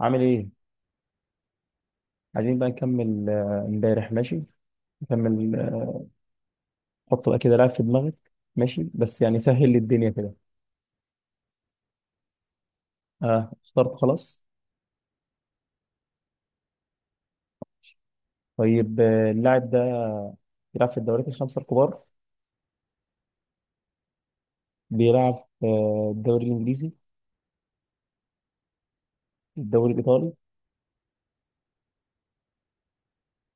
عامل ايه؟ عايزين بقى نكمل امبارح ماشي؟ نكمل حط بقى كده لعب في دماغك. ماشي؟ بس يعني سهل لي الدنيا كده. اه اخترت خلاص. طيب اللاعب ده بيلعب في الدوريات الخمسة الكبار. بيلعب في الدوري الانجليزي؟ الدوري الايطالي؟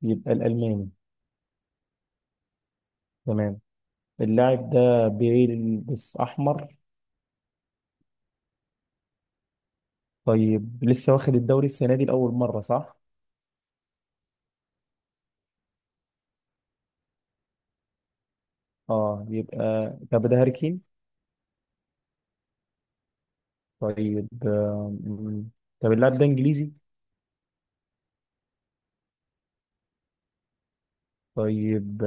يبقى الالماني. تمام. اللاعب ده بيلبس احمر. طيب لسه واخد الدوري السنة دي لأول مرة صح؟ اه يبقى. طب ده هاري كين؟ طيب طب اللاعب ده انجليزي؟ طيب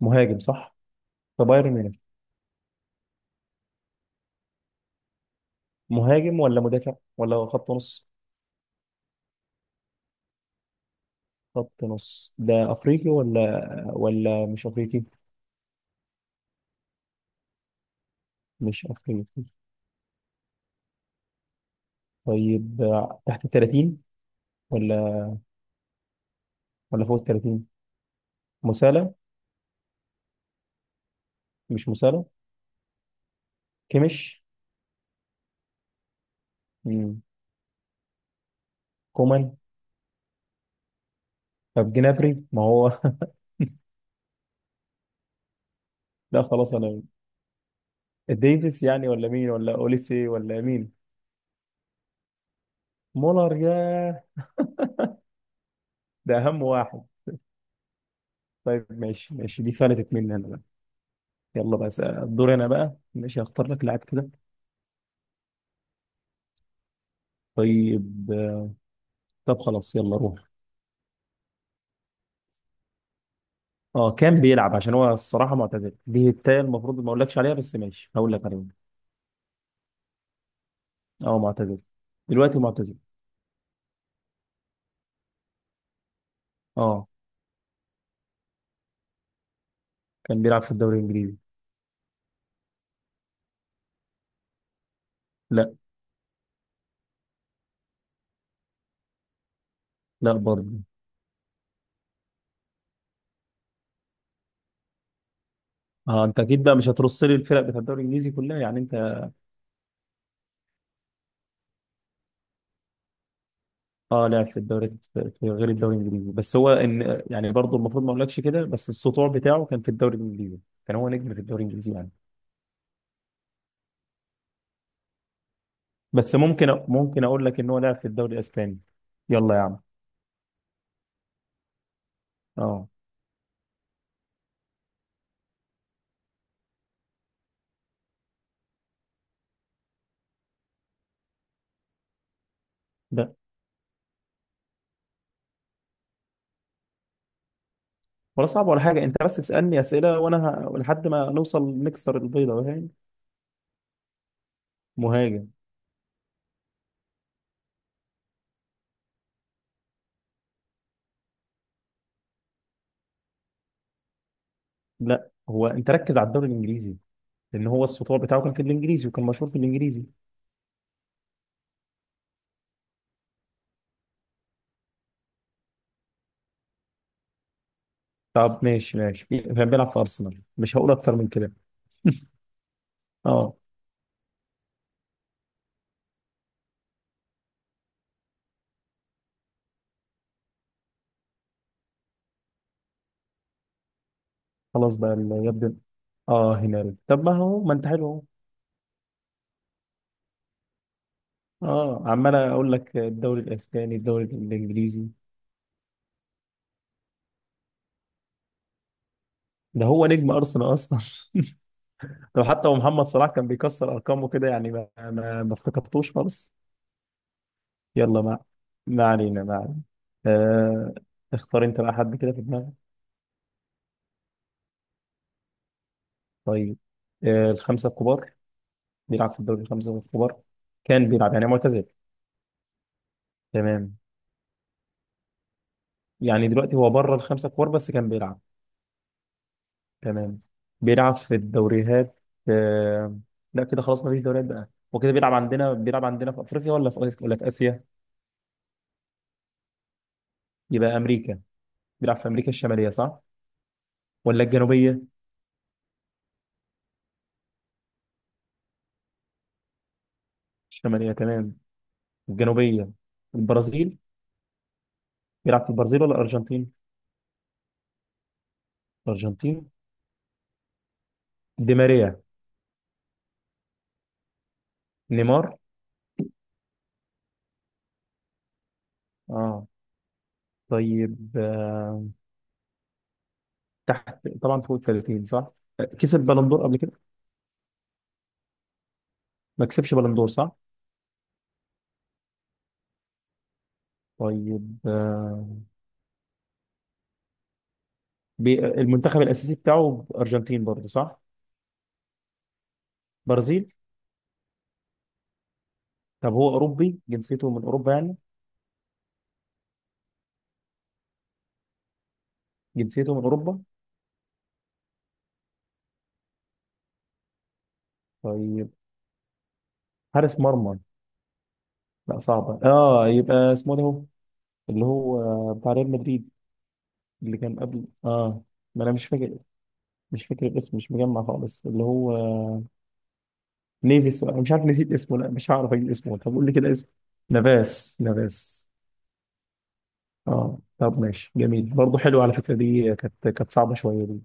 مهاجم صح؟ في بايرن ميونخ؟ مهاجم ولا مدافع ولا خط نص؟ خط نص. ده افريقي ولا ولا مش افريقي؟ مش افريقي. طيب تحت ال 30 ولا ولا فوق ال 30؟ مسالة؟ مش مسالة. كيميش؟ مم. كومان؟ طب جنابري ما هو. لا خلاص انا. ديفيس يعني ولا مين ولا اوليسي ولا مين؟ مولر يا. ده اهم واحد. طيب ماشي ماشي، دي فلتت مني انا بقى. يلا بقى الدور انا بقى، ماشي هختار لك لاعب كده. طيب. طب خلاص يلا روح. اه كان بيلعب عشان هو الصراحه معتزل، دي التانية المفروض ما اقولكش عليها بس ماشي هقول لك عليها. اه معتزل. دلوقتي معتزل. اه كان بيلعب في الدوري الانجليزي. لا. لا برضه. اه انت اكيد بقى مش هترص لي الفرق بتاع الدوري الانجليزي كلها يعني انت. اه لعب في الدوري، في غير الدوري الانجليزي، بس هو ان يعني برضه المفروض ما اقولكش كده، بس السطوع بتاعه كان في الدوري الانجليزي. كان هو نجم في الدوري الانجليزي يعني. بس ممكن ممكن اقول لك ان هو لعب في الدوري الاسباني. يلا يا عم. اه ده. ولا صعب ولا حاجة، انت بس اسألني اسئلة وانا لحد ما نوصل نكسر البيضة، فاهم؟ مهاجم. لا هو انت ركز على الدوري الانجليزي، لان هو السطور بتاعه كان في الانجليزي وكان مشهور في الانجليزي. طب ماشي ماشي، كان بيلعب في ارسنال، مش هقول اكتر من كده. اه. خلاص بقى اللي يبدو. اه هنري. طب ما هو، ما انت حلو اهو. اه عمال اقول لك الدوري الاسباني الدوري الانجليزي. ده هو نجم ارسنال اصلا. لو حتى هو محمد صلاح كان بيكسر ارقامه كده يعني ما افتكرتوش خالص. يلا ما. ما علينا ما علينا. آه... اختار انت بقى حد كده في دماغك. طيب الخمسة الكبار. بيلعب في الدوري الخمسة الكبار. كان بيلعب يعني معتزل. تمام. يعني دلوقتي هو بره الخمسة الكبار بس كان بيلعب. تمام. بيلعب في الدوريات آه... لا كده خلاص ما فيش دوريات بقى وكده. بيلعب عندنا؟ بيلعب عندنا في افريقيا ولا في آسيا ولا في اسيا؟ يبقى امريكا. بيلعب في امريكا الشمالية صح ولا الجنوبية؟ الشمالية تمام. الجنوبية. البرازيل. بيلعب في البرازيل ولا الارجنتين؟ الارجنتين. دي ماريا؟ نيمار؟ اه. طيب آه. تحت طبعا فوق ال 30 صح. كسب بلندور قبل كده؟ ما كسبش بلندور صح. طيب آه. المنتخب الاساسي بتاعه ارجنتين برضه صح؟ برازيل؟ طب هو اوروبي، جنسيته من اوروبا يعني؟ جنسيته من اوروبا. طيب. حارس مرمى. لا صعبه. اه يبقى اسمه ده هو اللي هو بتاع ريال مدريد اللي كان قبل اه، ما انا مش فاكر. مش فاكر الاسم، مش مجمع خالص. اللي هو نيفيس، انا مش عارف، نسيت اسمه. لا مش هعرف اجيب اسمه. طب قول لي كده اسمه. نافاس نافاس. اه طب ماشي جميل برضه، حلو على فكره، دي كانت صعبه شويه دي.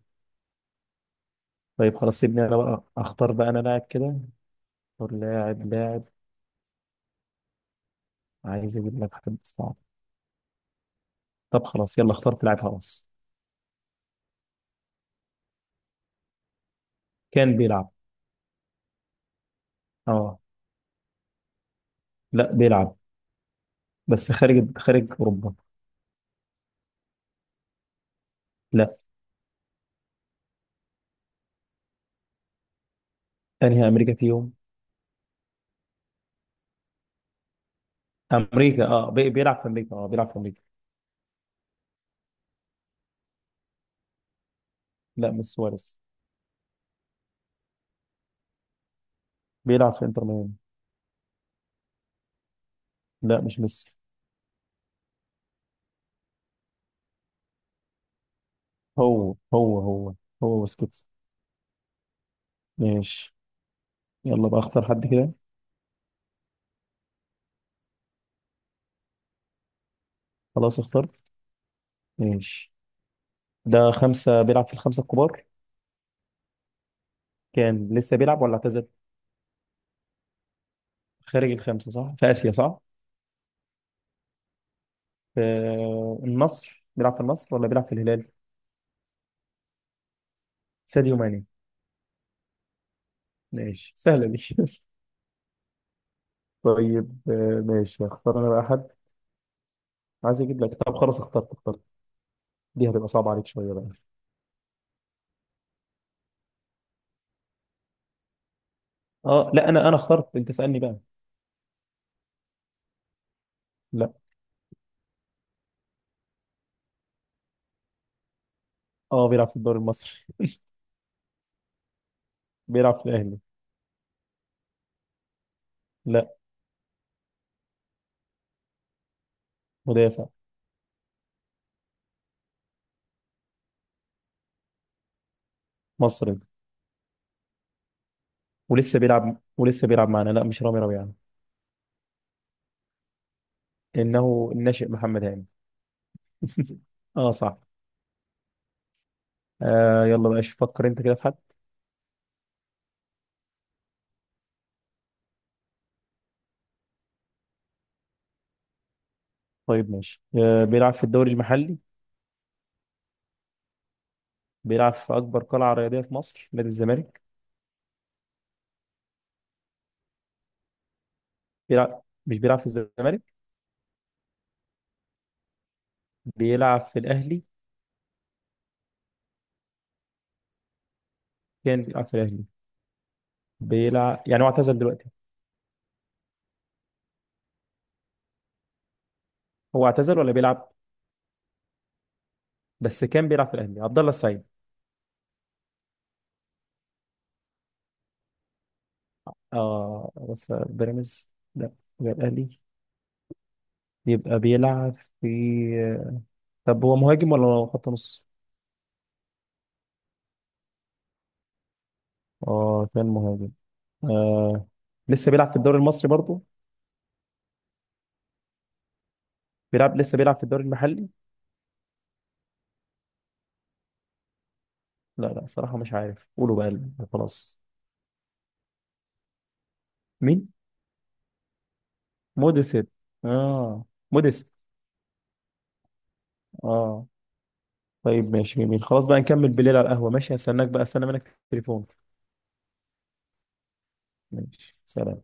طيب خلاص سيبني انا بقى اختار بقى انا لاعب كده. اختار لاعب لاعب. عايز اجيب لك حد صعب. طب خلاص يلا، اخترت لاعب خلاص. كان بيلعب. اه لا بيلعب، بس خارج اوروبا. لا. انهي امريكا فيهم؟ امريكا اه، بيلعب في امريكا. اه بيلعب في امريكا. لا مش سواريز. بيلعب في انتر ميامي. لا مش ميسي. هو هو بسكتس. ماشي. يلا بقى اختار حد كده. خلاص اختار. ماشي. ده خمسة، بيلعب في الخمسة الكبار. كان لسه بيلعب ولا اعتزل؟ خارج الخمسة صح، في آسيا صح. في النصر، بيلعب في النصر ولا بيلعب في الهلال؟ ساديو ماني. ماشي سهلة دي. طيب آه، ماشي اختار انا بقى حد، عايز اجيب لك. طب خلاص اخترت اخترت. دي هتبقى صعبة عليك شوية بقى. اه لا انا، انا اخترت، انت اسألني بقى. لا. اه بيلعب في الدوري المصري. بيلعب في الاهلي. لا. مدافع. مصري. ولسه بيلعب، ولسه بيلعب معانا. لا مش رامي ربيعة. انه الناشئ محمد هاني. اه صح. آه يلا بقى شوف فكر انت كده في حد. طيب ماشي. آه بيلعب في الدوري المحلي. بيلعب في اكبر قلعه رياضيه في مصر، نادي الزمالك. بيلعب، مش بيلعب في الزمالك. بيلعب في الاهلي. كان بيلعب في الاهلي. بيلعب يعني، هو اعتزل دلوقتي؟ هو اعتزل ولا بيلعب؟ بس كان بيلعب في الاهلي عبد الله السعيد. اه بس بيراميدز لا. يبقى الاهلي. يبقى بيلعب في. طب هو مهاجم ولا خط نص؟ اه كان مهاجم. آه. لسه بيلعب في الدوري المصري برضه؟ بيلعب، لسه بيلعب في الدوري المحلي؟ لا لا صراحة مش عارف، قولوا بقى خلاص. مين؟ موديست. اه موديست. اه طيب ماشي جميل، خلاص بقى نكمل بالليل على القهوة، ماشي هستناك بقى، استنى منك التليفون. ماشي سلام.